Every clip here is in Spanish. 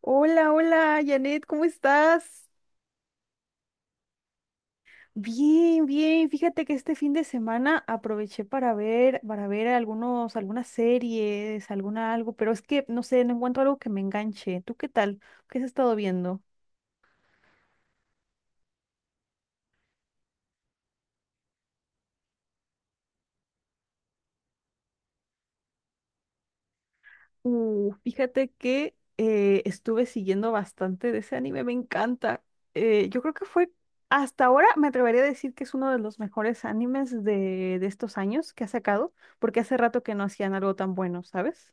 Hola, hola, Janet, ¿cómo estás? Bien, bien. Fíjate que este fin de semana aproveché para ver algunas series, alguna algo, pero es que no sé, no encuentro algo que me enganche. ¿Tú qué tal? ¿Qué has estado viendo? Fíjate que estuve siguiendo bastante de ese anime, me encanta. Yo creo que fue, hasta ahora me atrevería a decir que es uno de los mejores animes de estos años que ha sacado, porque hace rato que no hacían algo tan bueno, ¿sabes?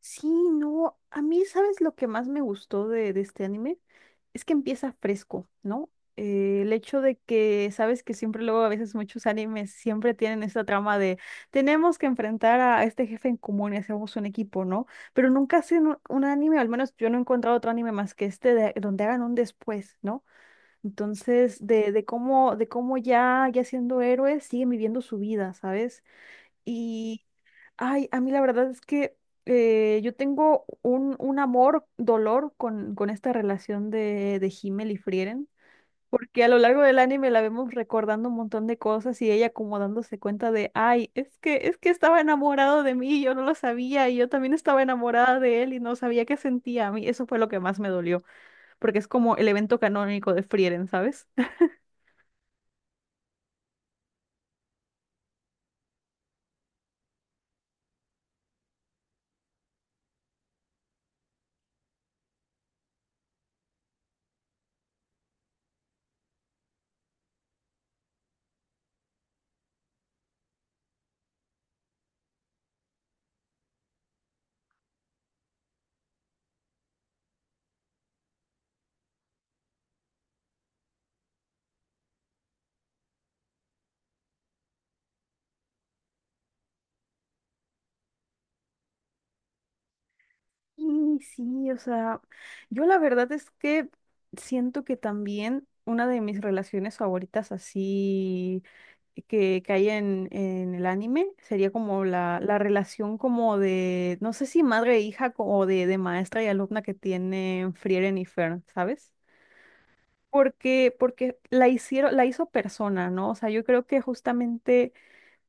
Sí, no, a mí, ¿sabes lo que más me gustó de este anime? Es que empieza fresco, ¿no? El hecho de que, sabes que siempre luego a veces muchos animes siempre tienen esta trama de tenemos que enfrentar a este jefe en común y hacemos un equipo, ¿no? Pero nunca hacen un anime, al menos yo no he encontrado otro anime más que donde hagan un después, ¿no? Entonces, de cómo ya siendo héroes, siguen viviendo su vida, ¿sabes? Ay, a mí la verdad es que yo tengo un amor, dolor con esta relación de Himmel y Frieren, porque a lo largo del anime la vemos recordando un montón de cosas y ella como dándose cuenta de, ay, es que estaba enamorado de mí y yo no lo sabía y yo también estaba enamorada de él y no sabía qué sentía a mí. Eso fue lo que más me dolió, porque es como el evento canónico de Frieren, ¿sabes? Y sí, o sea, yo la verdad es que siento que también una de mis relaciones favoritas así que hay en el anime sería como la relación como de, no sé si madre e hija o de maestra y alumna que tienen Frieren y Fern, ¿sabes? Porque, porque la hicieron, la hizo persona, ¿no? O sea, yo creo que justamente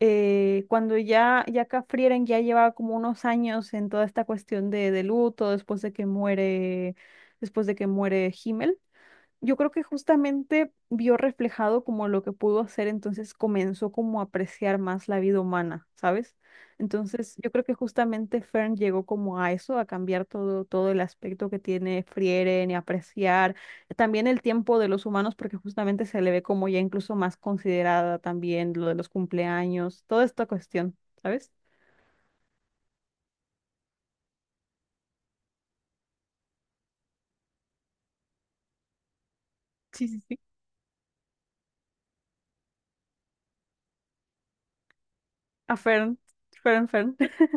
cuando ya Cafrieren ya llevaba como unos años en toda esta cuestión de luto, después de que muere Himmel. Yo creo que justamente vio reflejado como lo que pudo hacer, entonces comenzó como a apreciar más la vida humana, ¿sabes? Entonces yo creo que justamente Fern llegó como a eso, a cambiar todo el aspecto que tiene Frieren y apreciar también el tiempo de los humanos, porque justamente se le ve como ya incluso más considerada también lo de los cumpleaños, toda esta cuestión, ¿sabes? Sí, sí, sí. A Fern, Fern, Fern.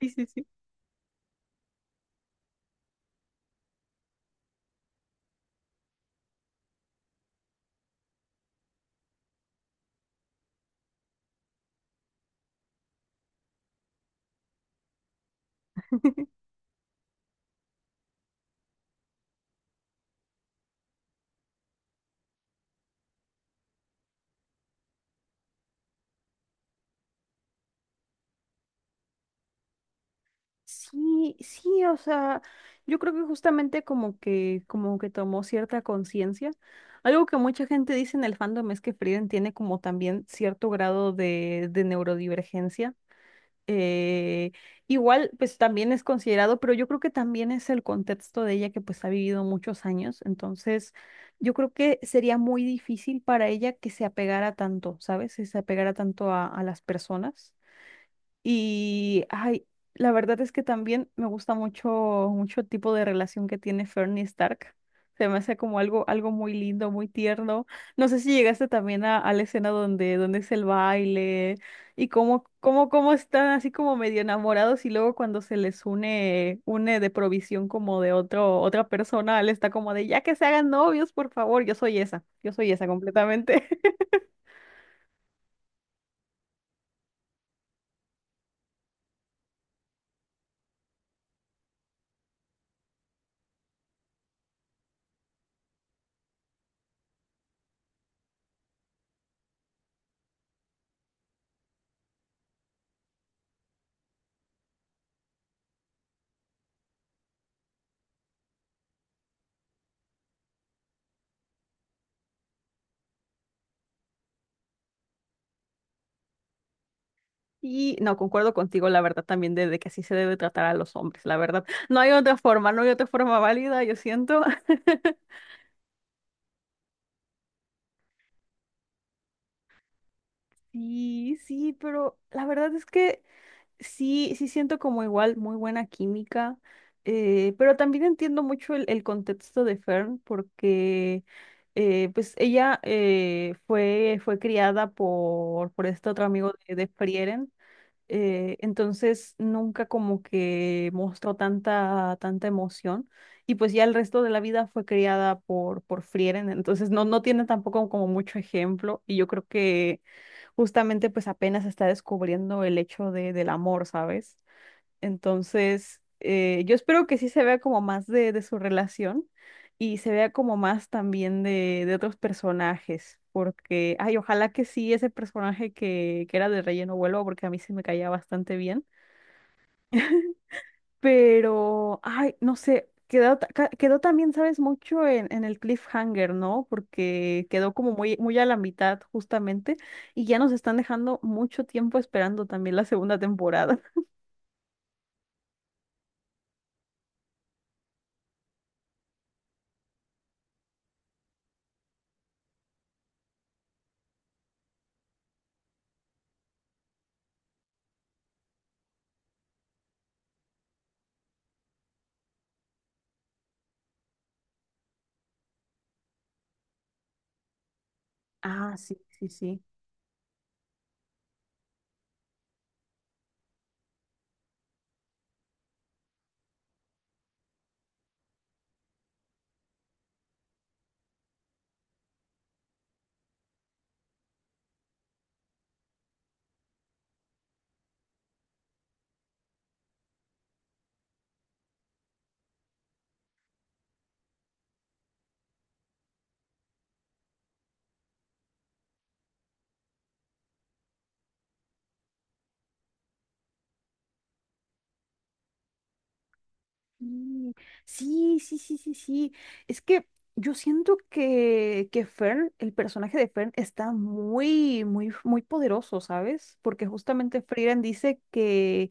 Sí, sí, sí. Sí, sí, o sea, yo creo que justamente como que tomó cierta conciencia. Algo que mucha gente dice en el fandom es que Frieren tiene como también cierto grado de neurodivergencia. Eh, igual, pues también es considerado, pero yo creo que también es el contexto de ella que pues ha vivido muchos años. Entonces, yo creo que sería muy difícil para ella que se apegara tanto, ¿sabes? Que se apegara tanto a las personas. Y, ay, la verdad es que también me gusta mucho, mucho el tipo de relación que tiene Fernie Stark. Se me hace como algo, algo muy lindo, muy tierno. No sé si llegaste también a la escena donde es el baile y cómo están así como medio enamorados y luego cuando se les une de provisión como de otra persona, él está como de, ya que se hagan novios, por favor, yo soy esa completamente. Y no, concuerdo contigo, la verdad, también de que así se debe tratar a los hombres, la verdad. No hay otra forma, no hay otra forma válida, yo siento. Sí, sí, pero la verdad es que sí, sí siento como igual muy buena química, pero también entiendo mucho el contexto de Fern porque pues ella fue criada por este otro amigo de Frieren. Entonces nunca como que mostró tanta, tanta emoción. Y pues ya el resto de la vida fue criada por Frieren, entonces no tiene tampoco como mucho ejemplo. Y yo creo que justamente pues apenas está descubriendo el hecho de, del amor, ¿sabes? Entonces, yo espero que sí se vea como más de su relación y se vea como más también de otros personajes, porque, ay, ojalá que sí ese personaje que era de relleno vuelva, porque a mí se me caía bastante bien. Pero, ay, no sé, quedó, quedó también, sabes, mucho en el cliffhanger, ¿no? Porque quedó como muy, muy a la mitad justamente y ya nos están dejando mucho tiempo esperando también la segunda temporada. Ah, sí, sí, sí. Mm, sí, sí, sí, sí, sí. Es que yo siento que Fern, el personaje de Fern, está muy, muy, muy poderoso, ¿sabes? Porque justamente Frieren dice que,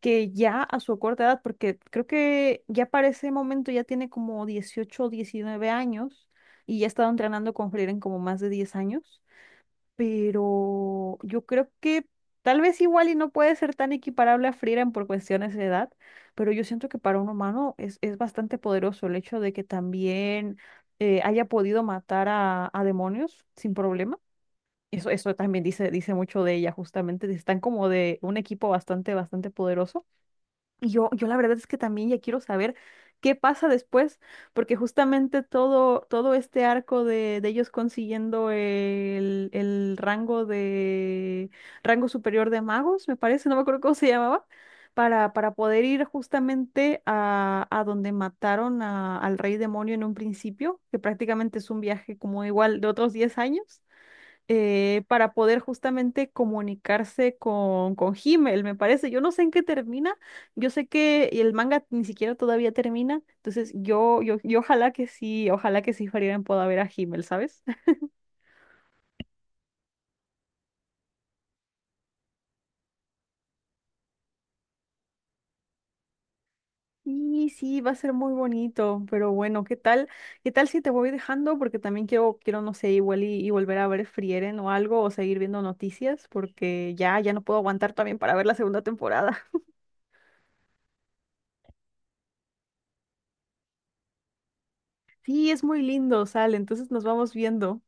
que ya a su corta edad, porque creo que ya para ese momento ya tiene como dieciocho o 19 años y ya ha estado entrenando con Frieren como más de 10 años, pero yo creo que tal vez igual y no puede ser tan equiparable a Frieren por cuestiones de edad, pero yo siento que para un humano es bastante poderoso el hecho de que también haya podido matar a demonios sin problema. Eso también dice mucho de ella, justamente. Están como de un equipo bastante, bastante poderoso. Yo la verdad es que también ya quiero saber qué pasa después, porque justamente todo este arco de ellos consiguiendo el rango superior de magos, me parece, no me acuerdo cómo se llamaba, para poder ir justamente a donde mataron al rey demonio en un principio, que prácticamente es un viaje como igual de otros 10 años, para poder justamente comunicarse con Himmel, me parece. Yo no sé en qué termina, yo sé que el manga ni siquiera todavía termina, entonces yo ojalá que sí Frieren pueda ver a Himmel, ¿sabes? Y sí, va a ser muy bonito, pero bueno, ¿qué tal? ¿Qué tal si te voy dejando? Porque también quiero, no sé, igual y volver a ver Frieren o algo, o seguir viendo noticias, porque ya no puedo aguantar también para ver la segunda temporada. Sí, es muy lindo, sale, entonces nos vamos viendo.